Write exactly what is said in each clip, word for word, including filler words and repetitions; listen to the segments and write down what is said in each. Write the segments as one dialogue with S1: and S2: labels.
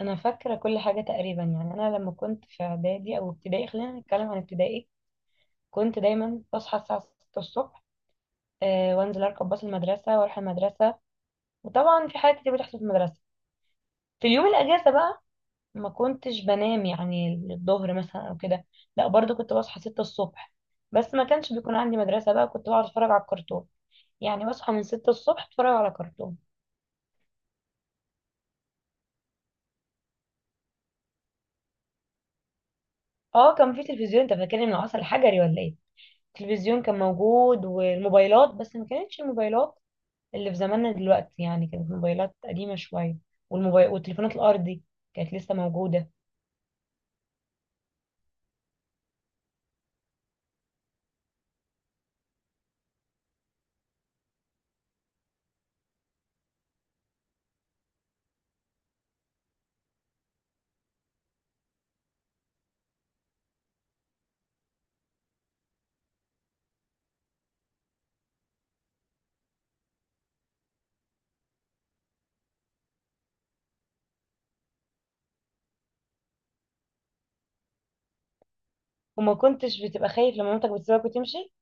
S1: انا فاكره كل حاجه تقريبا يعني انا لما كنت في اعدادي او ابتدائي، خلينا نتكلم عن ابتدائي. كنت دايما بصحى الساعه ستة الصبح، آه، وانزل اركب باص المدرسه واروح المدرسه. وطبعا في حاجات كتير بتحصل في المدرسه. في اليوم الاجازه بقى ما كنتش بنام يعني الظهر مثلا او كده. لا، برضو كنت بصحى ستة الصبح، بس ما كانش بيكون عندي مدرسه بقى، كنت بقعد اتفرج على الكرتون. يعني بصحى من ستة الصبح اتفرج على كرتون. اه، كان في تلفزيون، انت فاكرني من العصر الحجري ولا ايه؟ التلفزيون كان موجود والموبايلات، بس ما كانتش الموبايلات اللي في زماننا دلوقتي، يعني كانت الموبايلات قديمة شوية. والموبايل والتليفونات الأرضي كانت لسه موجودة. وما كنتش بتبقى خايف لما مامتك بتسيبك وتمشي؟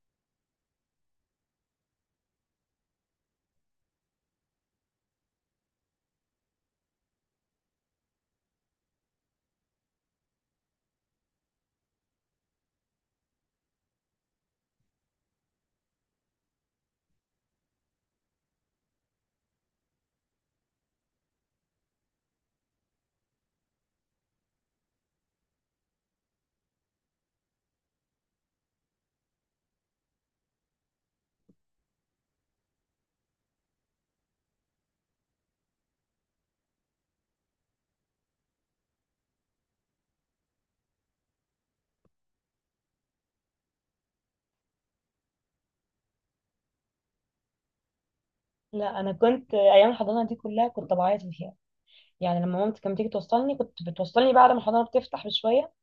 S1: لا، أنا كنت أيام الحضانة دي كلها كنت بعيط فيها. يعني لما مامتي كانت بتيجي توصلني، كنت بتوصلني بعد ما الحضانة بتفتح بشوية،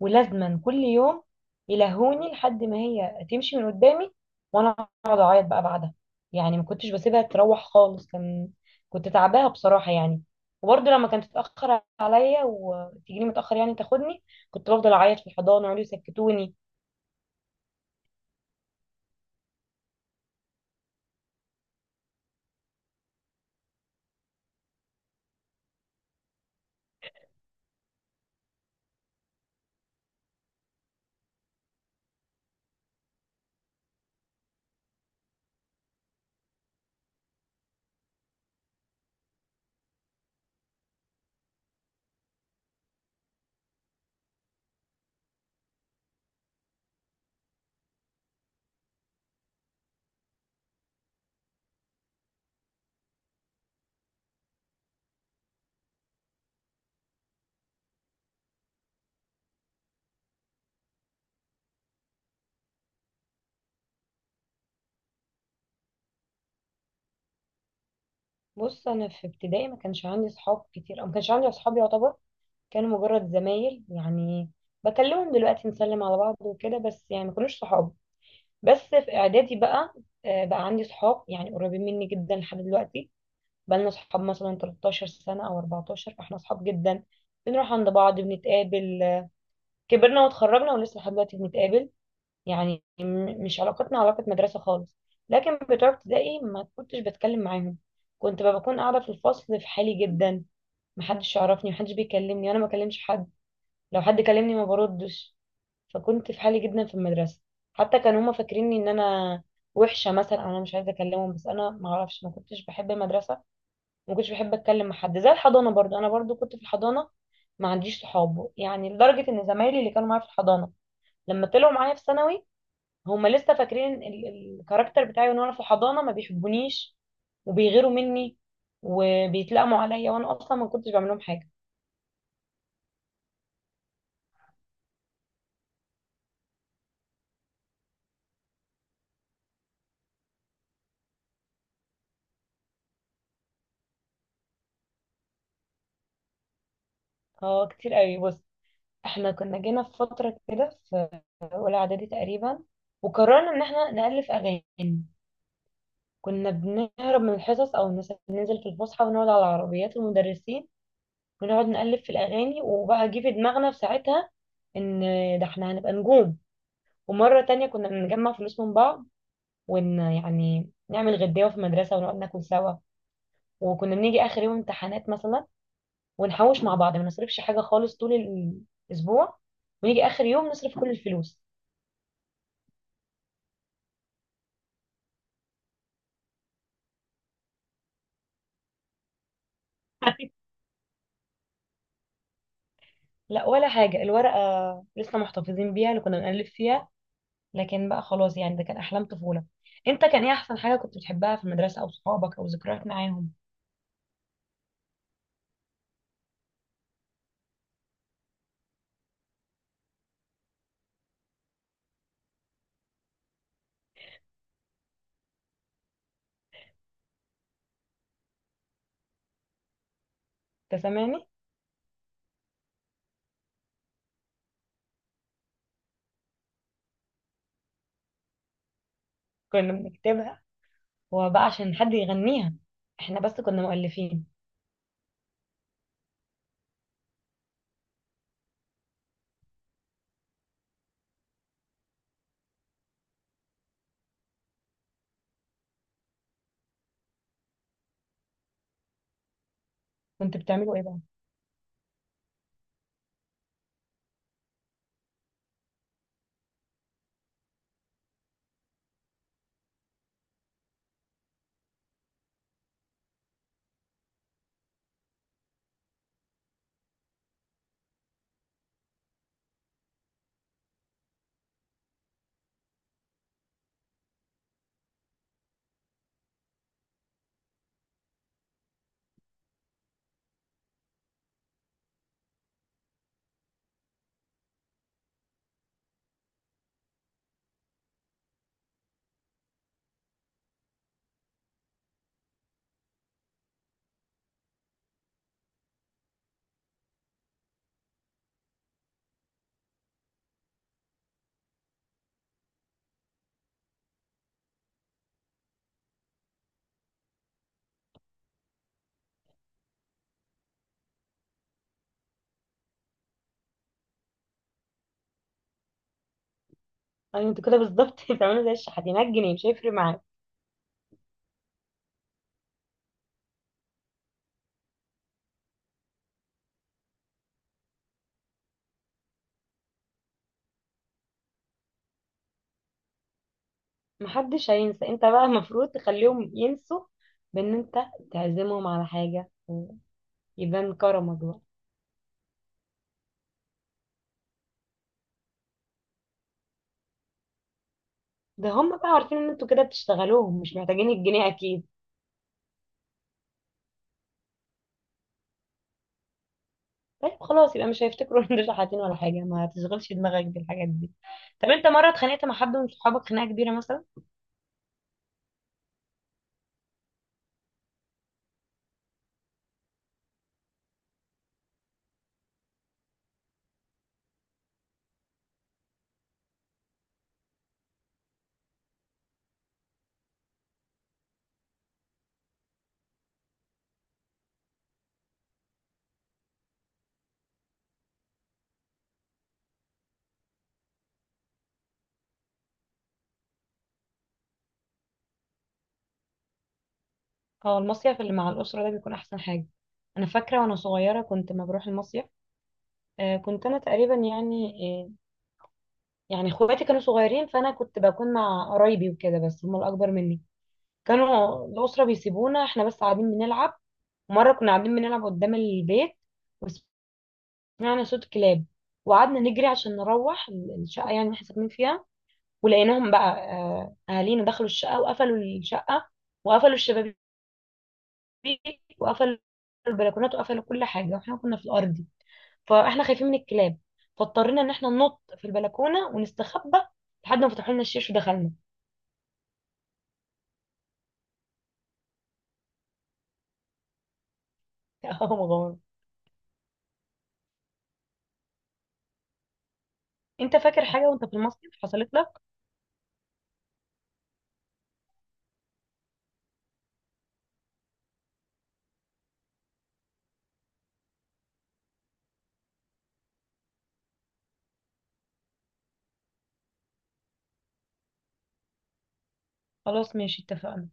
S1: ولازما كل يوم يلهوني لحد ما هي تمشي من قدامي، وانا اقعد اعيط بقى بعدها. يعني ما كنتش بسيبها تروح خالص. كان كنت تعباها بصراحه يعني. وبرضه لما كانت تتاخر عليا وتجيني متاخر يعني تاخدني، كنت بفضل اعيط في الحضانه يقعدوا يسكتوني. بص، انا في ابتدائي ما كانش عندي صحاب كتير، او ما كانش عندي اصحاب يعتبر، كانوا مجرد زمايل يعني. بكلمهم دلوقتي نسلم على بعض وكده، بس يعني ما كانوش صحاب. بس في اعدادي بقى، آه، بقى عندي صحاب يعني قريبين مني جدا لحد دلوقتي. بقى لنا صحاب مثلا تلتاشر سنة او اربعتاشر، فاحنا صحاب جدا، بنروح عند بعض، بنتقابل. آه، كبرنا واتخرجنا ولسه لحد دلوقتي بنتقابل. يعني م- مش علاقتنا علاقة مدرسة خالص. لكن بتوع ابتدائي ما كنتش بتكلم معاهم، كنت بقى بكون قاعدة في الفصل في حالي جدا. محدش يعرفني، محدش بيكلمني، وانا ما بكلمش حد، لو حد كلمني ما بردش. فكنت في حالي جدا في المدرسة. حتى كانوا هما فاكريني ان انا وحشة مثلا، او انا مش عايزة اكلمهم، بس انا ما اعرفش، ما كنتش بحب المدرسة، ما كنتش بحب اتكلم مع حد. زي الحضانة برضو، انا برضو كنت في الحضانة ما عنديش صحاب، يعني لدرجة ان زمايلي اللي كانوا معايا في الحضانة لما طلعوا معايا في ثانوي، هما لسه فاكرين ال- ال- الكاركتر بتاعي ان انا في الحضانة ما بيحبونيش وبيغيروا مني وبيتلقموا عليا، وانا اصلا ما كنتش بعمل لهم حاجة. اه، كتير قوي. بص، احنا كنا جينا في فترة كده، اولى اعدادي تقريبا، وقررنا ان احنا نألف اغاني. كنا بنهرب من الحصص او مثلا ننزل في الفسحه ونقعد على عربيات المدرسين، ونقعد نألف في الاغاني. وبقى جه في دماغنا في ساعتها ان ده احنا هنبقى نجوم. ومره تانية كنا بنجمع فلوس من بعض ون يعني نعمل غداوه في المدرسه ونقعد ناكل سوا. وكنا بنيجي اخر يوم امتحانات مثلا ونحوش مع بعض، ما نصرفش حاجه خالص طول الاسبوع، ونيجي اخر يوم نصرف كل الفلوس. لا، ولا حاجة. الورقة لسه محتفظين بيها اللي كنا بنألف فيها، لكن بقى خلاص يعني، ده كان أحلام طفولة. أنت كان إيه أحسن حاجة كنت بتحبها في المدرسة، أو صحابك، أو ذكريات معاهم؟ أنت سامعني؟ كنا بنكتبها، وبقى عشان حد يغنيها، إحنا بس كنا مؤلفين. كنت بتعملوا إيه بقى؟ يعني أنت كده بالظبط بتعملوا زي الشحاتين، جنيه مش هيفرق معاك. محدش هينسى. أنت بقى المفروض تخليهم ينسوا، بإن أنت تعزمهم على حاجة ويبان كرمك بقى. ده هم بقى عارفين إن أنتوا كده بتشتغلوهم، مش محتاجين الجنيه أكيد. طيب خلاص، يبقى مش هيفتكروا ان دول حاطين ولا حاجه. ما تشغلش دماغك بالحاجات دي. طب انت مره اتخانقت مع حد من صحابك خناقه كبيره مثلا؟ اه، المصيف اللي مع الاسره ده بيكون احسن حاجه. انا فاكره وانا صغيره كنت ما بروح المصيف. آه، كنت انا تقريبا يعني، آه، يعني اخواتي كانوا صغيرين، فانا كنت بكون مع قرايبي وكده، بس هم الاكبر مني. كانوا الاسره بيسيبونا احنا بس قاعدين بنلعب. مره كنا قاعدين بنلعب قدام البيت، وسمعنا صوت كلاب، وقعدنا نجري عشان نروح الشقه، يعني اللي احنا ساكنين فيها. ولقيناهم بقى آه، اهالينا دخلوا الشقه وقفلوا الشقه، وقفلوا الشبابيك، وقفلوا البلكونات، وقفلوا كل حاجه، واحنا كنا في الارضي. فاحنا خايفين من الكلاب، فاضطرينا ان احنا ننط في البلكونه ونستخبى لحد ما فتحوا لنا الشيش ودخلنا. يا مغامر. انت فاكر حاجه وانت في المصيف حصلت لك؟ خلاص، ماشي، اتفقنا.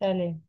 S1: سلام.